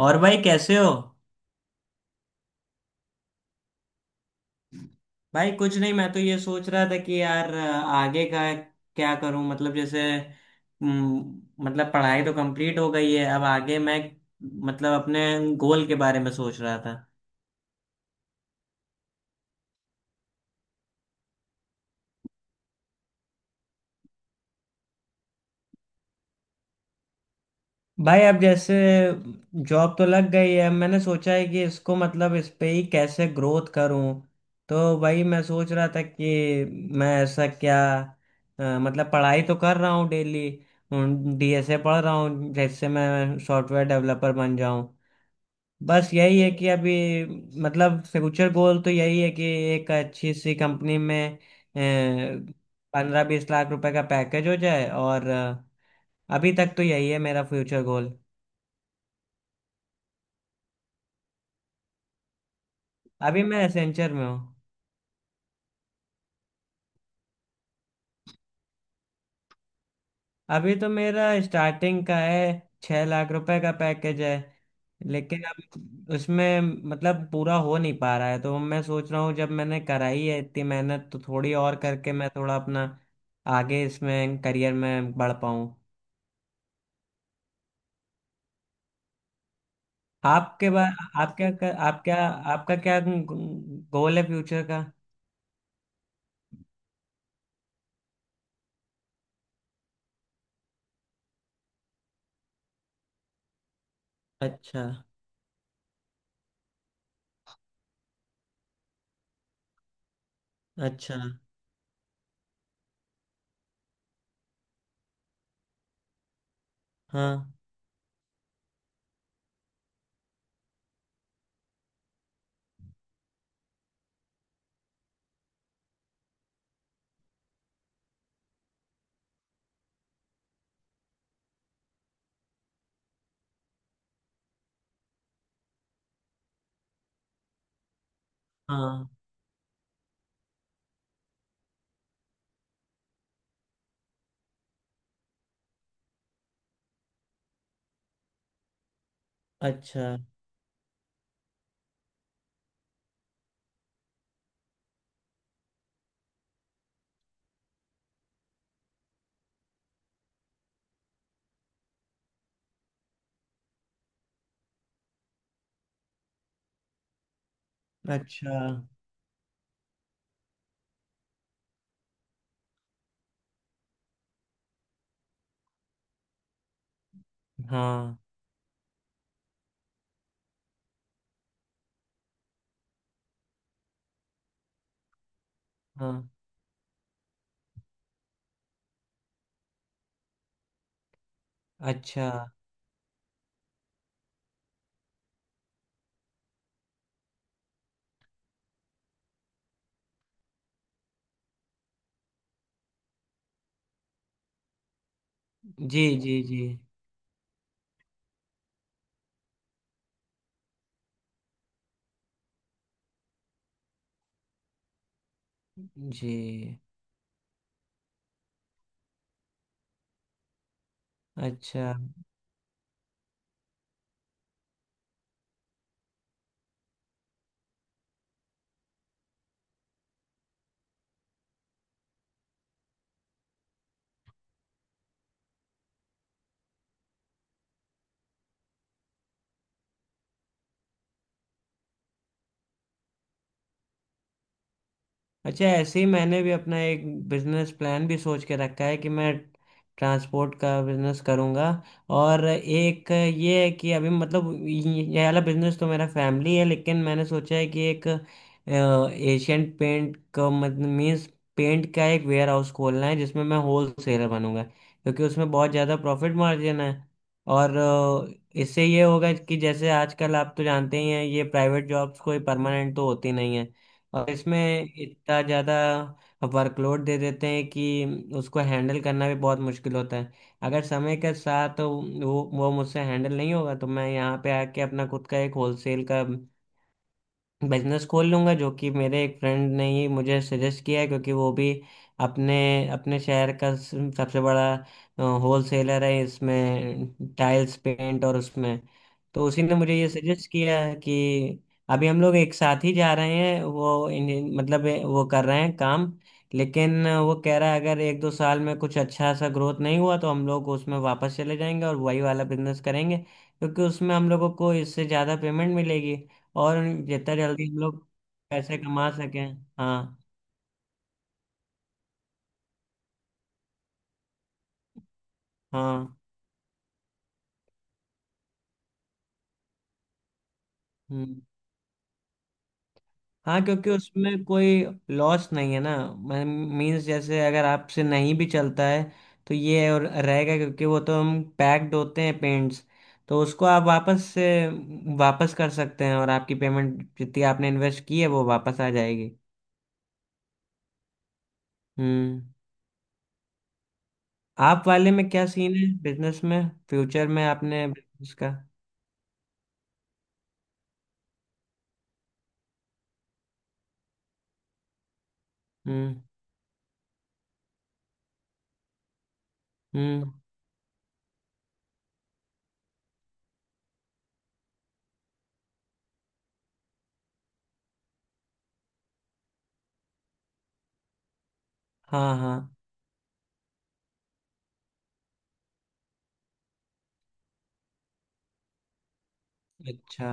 और भाई कैसे हो? भाई कुछ नहीं, मैं तो ये सोच रहा था कि यार आगे का क्या करूं। मतलब जैसे मतलब पढ़ाई तो कंप्लीट हो गई है। अब आगे मैं मतलब अपने गोल के बारे में सोच रहा था। भाई अब जैसे जॉब तो लग गई है। मैंने सोचा है कि इसको मतलब इस पे ही कैसे ग्रोथ करूं। तो भाई मैं सोच रहा था कि मैं ऐसा क्या मतलब पढ़ाई तो कर रहा हूँ डेली। डीएसए पढ़ रहा हूँ, जैसे मैं सॉफ्टवेयर डेवलपर बन जाऊं। बस यही है कि अभी मतलब फ्यूचर गोल तो यही है कि एक अच्छी सी कंपनी में 15-20 लाख रुपए का पैकेज हो जाए और अभी तक तो यही है मेरा फ्यूचर गोल। अभी मैं एसेंचर में हूँ। अभी तो मेरा स्टार्टिंग का है, 6 लाख रुपए का पैकेज है। लेकिन अब उसमें मतलब पूरा हो नहीं पा रहा है, तो मैं सोच रहा हूँ जब मैंने कराई है इतनी मेहनत तो थोड़ी और करके मैं थोड़ा अपना आगे इसमें करियर में बढ़ पाऊँ। आपके बार आप क्या आपका क्या गोल है फ्यूचर का? अच्छा। अच्छा। हाँ, हाँ। अच्छा। अच्छा। हाँ, हाँ। अच्छा। जी, जी। जी, जी। अच्छा। अच्छा, ऐसे ही मैंने भी अपना एक बिजनेस प्लान भी सोच के रखा है कि मैं ट्रांसपोर्ट का बिजनेस करूंगा। और एक ये है कि अभी मतलब ये वाला बिजनेस तो मेरा फैमिली है, लेकिन मैंने सोचा है कि एक एशियन पेंट का मतलब मीन्स पेंट का एक वेयर हाउस खोलना है, जिसमें मैं होल सेलर बनूंगा क्योंकि उसमें बहुत ज़्यादा प्रॉफिट मार्जिन है। और इससे ये होगा कि जैसे आजकल आप तो जानते ही हैं, ये प्राइवेट जॉब्स कोई परमानेंट तो होती नहीं है। और इसमें इतना ज़्यादा वर्कलोड दे देते हैं कि उसको हैंडल करना भी बहुत मुश्किल होता है। अगर समय के साथ वो मुझसे हैंडल नहीं होगा, तो मैं यहाँ पे आके अपना खुद का एक होलसेल का बिजनेस खोल लूंगा, जो कि मेरे एक फ्रेंड ने ही मुझे सजेस्ट किया है, क्योंकि वो भी अपने अपने शहर का सबसे बड़ा होल सेलर है इसमें, टाइल्स पेंट और उसमें। तो उसी ने मुझे ये सजेस्ट किया है कि अभी हम लोग एक साथ ही जा रहे हैं, वो मतलब वो कर रहे हैं काम। लेकिन वो कह रहा है अगर 1-2 साल में कुछ अच्छा सा ग्रोथ नहीं हुआ तो हम लोग उसमें वापस चले जाएंगे और वही वाला बिजनेस करेंगे, क्योंकि उसमें हम लोगों को इससे ज़्यादा पेमेंट मिलेगी। और जितना जल्दी हम लोग पैसे कमा सकें। हाँ, हाँ। हम्म। हाँ, क्योंकि उसमें कोई लॉस नहीं है ना। मीन्स जैसे अगर आपसे नहीं भी चलता है तो ये और रहेगा, क्योंकि वो तो हम पैक्ड होते हैं पेंट्स। तो उसको आप वापस से वापस कर सकते हैं और आपकी पेमेंट जितनी आपने इन्वेस्ट की है वो वापस आ जाएगी। हम्म। आप वाले में क्या सीन है बिजनेस में, फ्यूचर में आपने बिजनेस का? हम्म, हम्म। हाँ, हाँ। अच्छा।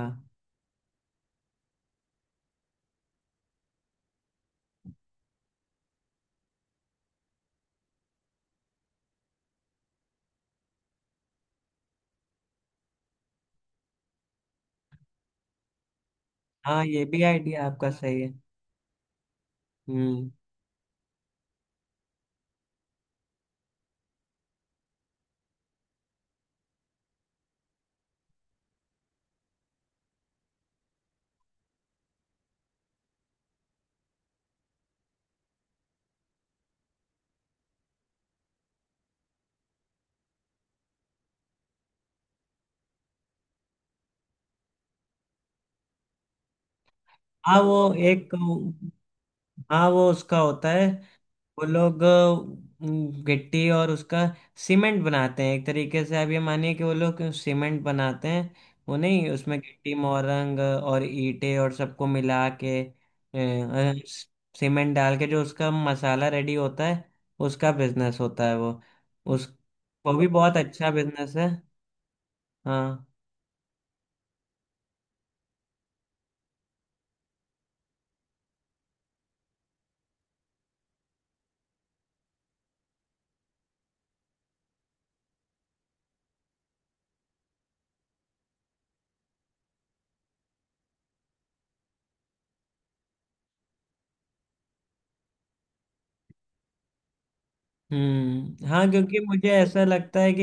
हाँ, ये भी आइडिया आपका सही है। हम्म। हाँ, वो एक। हाँ, वो उसका होता है। वो लोग गिट्टी और उसका सीमेंट बनाते हैं, एक तरीके से आप ये मानिए कि वो लोग सीमेंट बनाते हैं। वो नहीं, उसमें गिट्टी मोरंग और ईंटें और सबको मिला के सीमेंट डाल के जो उसका मसाला रेडी होता है, उसका बिजनेस होता है वो। उस वो भी बहुत अच्छा बिजनेस है। हाँ। हम्म। हाँ, क्योंकि मुझे ऐसा लगता है कि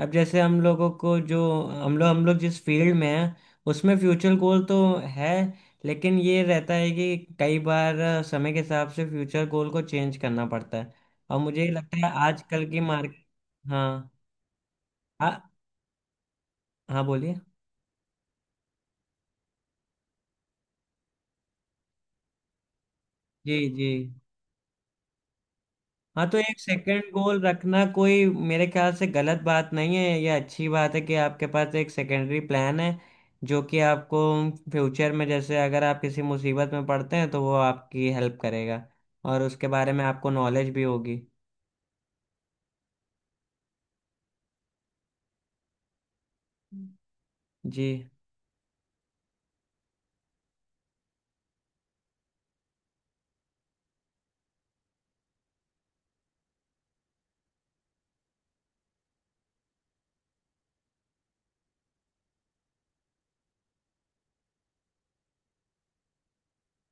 अब जैसे हम लोगों को जो हम लोग जिस फील्ड में हैं उसमें फ्यूचर गोल तो है, लेकिन ये रहता है कि कई बार समय के हिसाब से फ्यूचर गोल को चेंज करना पड़ता है। और मुझे ये लगता है आजकल की मार्केट। हाँ, हाँ, हाँ। बोलिए। जी, जी। हाँ, तो एक सेकंड गोल रखना कोई मेरे ख्याल से गलत बात नहीं है। यह अच्छी बात है कि आपके पास एक सेकेंडरी प्लान है, जो कि आपको फ्यूचर में जैसे अगर आप किसी मुसीबत में पड़ते हैं तो वो आपकी हेल्प करेगा, और उसके बारे में आपको नॉलेज भी होगी। जी।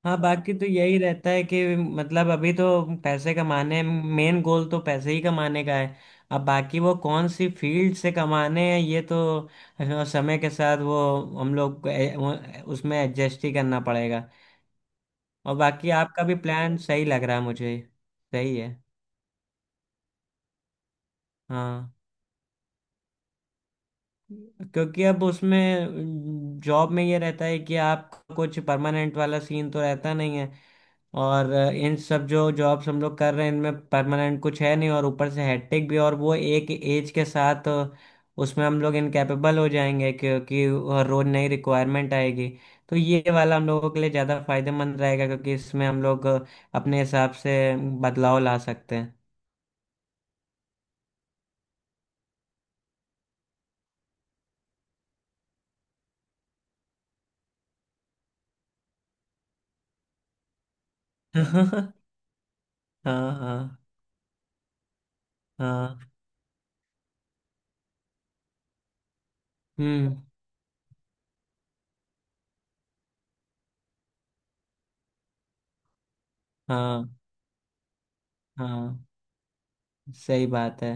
हाँ, बाकी तो यही रहता है कि मतलब अभी तो पैसे कमाने, मेन गोल तो पैसे ही कमाने का है। अब बाकी वो कौन सी फील्ड से कमाने हैं ये तो समय के साथ वो हम लोग को उसमें एडजस्ट ही करना पड़ेगा। और बाकी आपका भी प्लान सही लग रहा है मुझे। सही है। हाँ, क्योंकि अब उसमें जॉब में ये रहता है कि आप कुछ परमानेंट वाला सीन तो रहता नहीं है। और इन सब जो जॉब्स हम लोग कर रहे हैं इनमें परमानेंट कुछ है नहीं, और ऊपर से हैट्रिक भी, और वो एक एज के साथ उसमें हम लोग इनकैपेबल हो जाएंगे, क्योंकि रोज नई रिक्वायरमेंट आएगी। तो ये वाला हम लोगों के लिए ज़्यादा फायदेमंद रहेगा, क्योंकि इसमें हम लोग अपने हिसाब से बदलाव ला सकते हैं। हाँ, हाँ, हाँ। हम्म। हाँ, हाँ, सही बात है।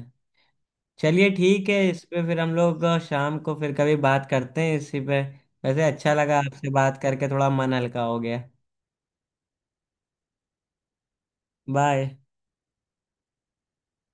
चलिए, ठीक है, इस पे फिर हम लोग शाम को फिर कभी बात करते हैं इसी पे। वैसे अच्छा लगा आपसे बात करके, थोड़ा मन हल्का हो गया। बाय।